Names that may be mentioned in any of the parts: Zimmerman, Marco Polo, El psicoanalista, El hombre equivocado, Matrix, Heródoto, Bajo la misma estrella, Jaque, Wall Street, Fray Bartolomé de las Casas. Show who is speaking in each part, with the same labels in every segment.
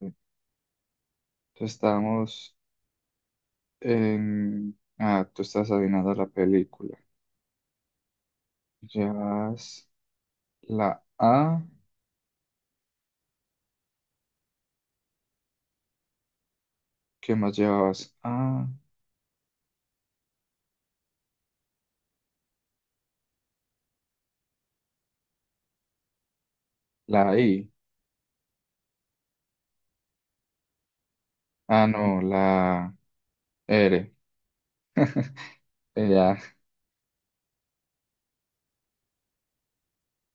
Speaker 1: Entonces, estábamos en... Ah, tú estás adivinando la película. Llevas la A. ¿Qué más llevabas? Ah, la I. Ah, no, la R. Ya,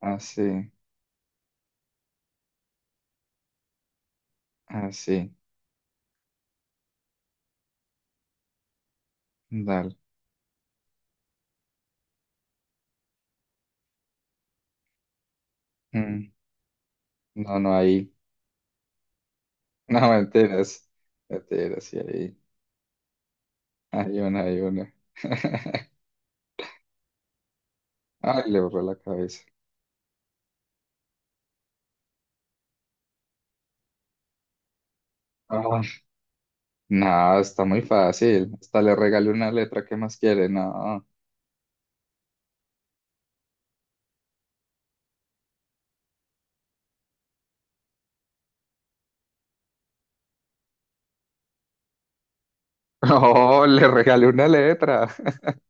Speaker 1: así, así. Dale. Mm, no, no, ahí. No, mentiras. Mentiras, sí, ahí. Hay una, hay una. Ay, le borró la cabeza. Ah. No, está muy fácil. Hasta le regalé una letra. ¿Qué más quiere? No. Oh, le regalé una letra.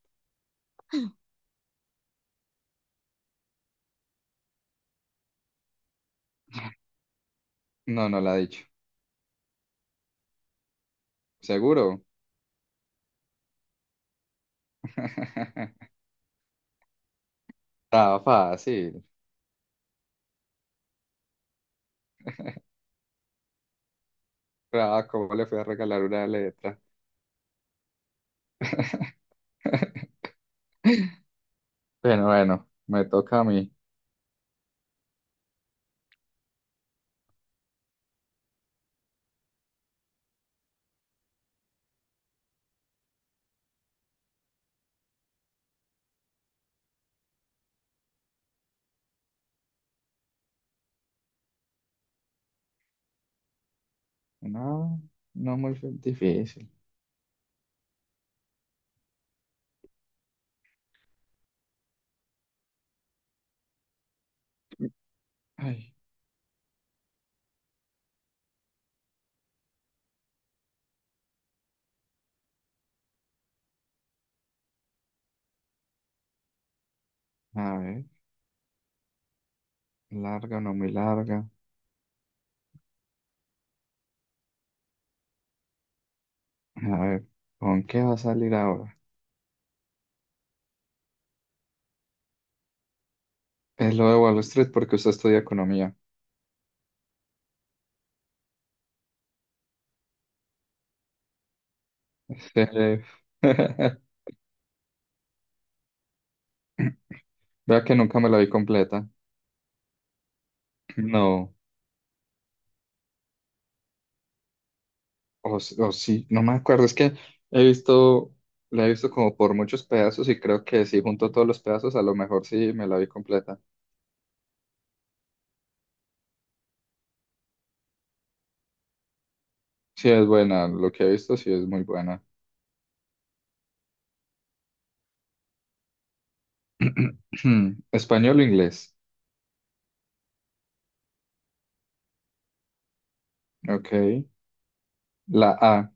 Speaker 1: No, no la ha dicho. ¿Seguro? Estaba fácil. Ah, ¿cómo le fui a regalar una letra? Bueno, bueno, me toca a mí. No, no muy difícil. Ay, a ver, larga o no muy larga. A ver, ¿con qué va a salir ahora? Es lo de Wall Street porque usted estudia economía. Eh, Vea que nunca me la vi completa. No. O sí, no me acuerdo, es que he visto, la he visto como por muchos pedazos y creo que si junto todos los pedazos, a lo mejor sí me la vi completa. Sí es buena, lo que he visto sí es muy buena. ¿Español o inglés? Ok. La A,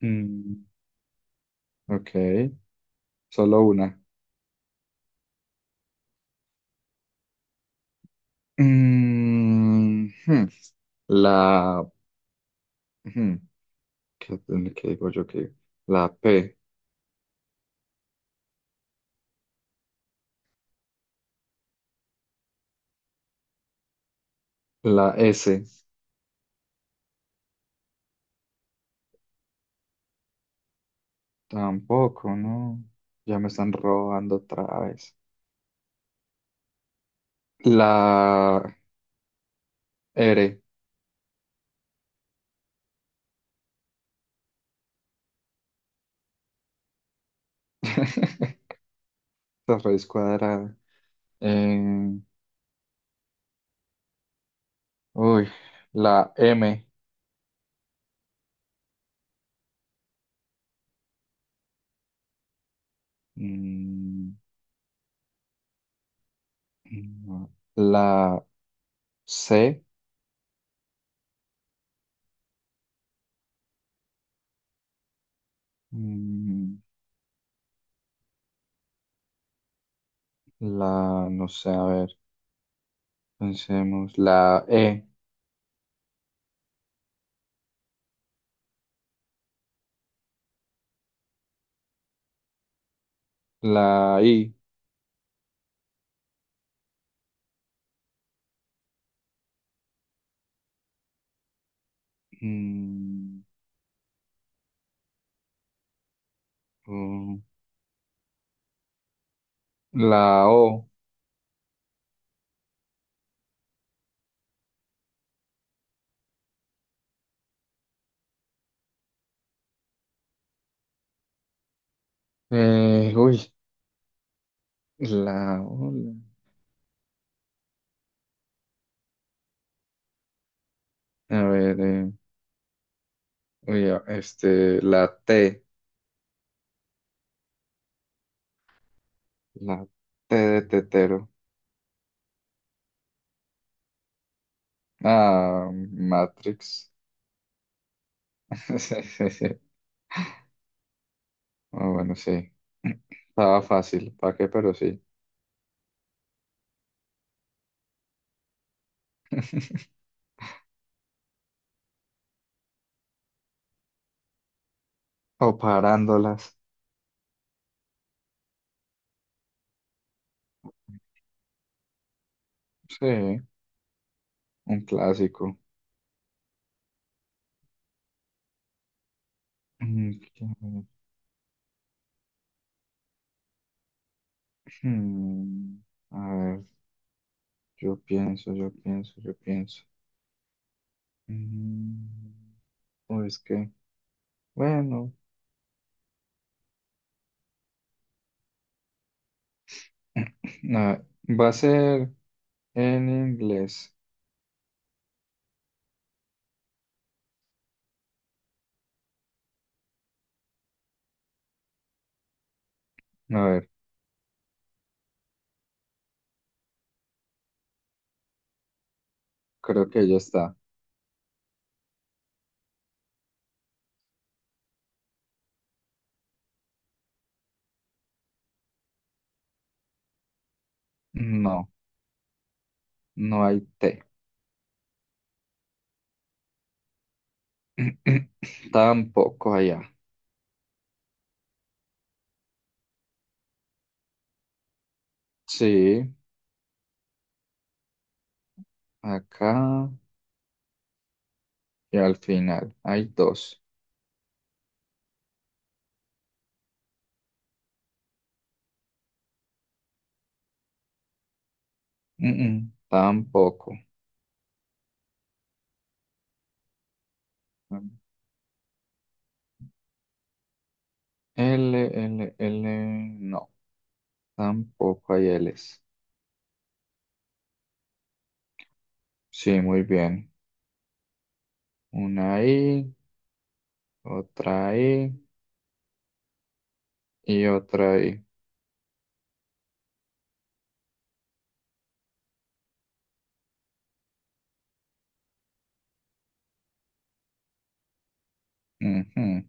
Speaker 1: mm, ok, solo una. Mm, hmm. La, hmm, ¿qué, qué digo yo que la P, la S? Tampoco, no, ya me están robando otra vez. La R. La raíz cuadrada. Eh, uy, la M. Mm, no. La C. Mm, la, no sé, a ver, pensemos. La E. La I. Mm, mm, la O. Uy, la O. A ver, uy, este, la T. La T de tetero. Ah, Matrix. Sí, sí, sí. Ah, bueno, sí. Estaba fácil, ¿para qué? Pero sí. O parándolas. Sí, un clásico. Mm, qué- hmm, A ver, yo pienso, yo pienso, yo pienso. Mm, O es que, bueno, a- va a ser en inglés. A ver, creo que ya está. No, no hay T. Tampoco allá. Sí. Acá y al final. Hay dos. Mm, tampoco. L, L, L. No, tampoco hay Ls. Sí, muy bien. Una I, otra I y otra I. Ujú.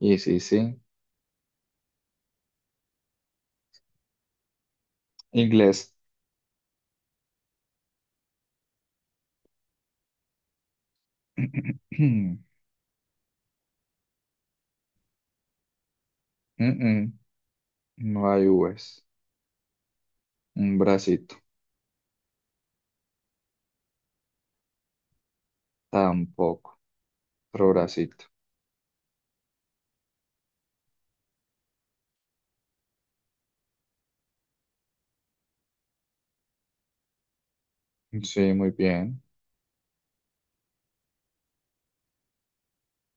Speaker 1: Y sí, sí. Inglés. Mm, mm, No hay Vs. Un bracito. Tampoco. Otro bracito. Sí, muy bien.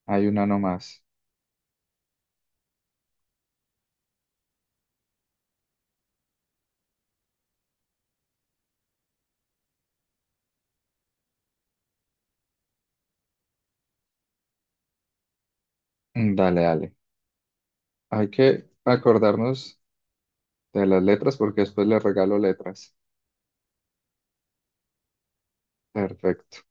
Speaker 1: Hay una nomás. Dale, dale. Hay que acordarnos de las letras, porque después le regalo letras. Perfecto.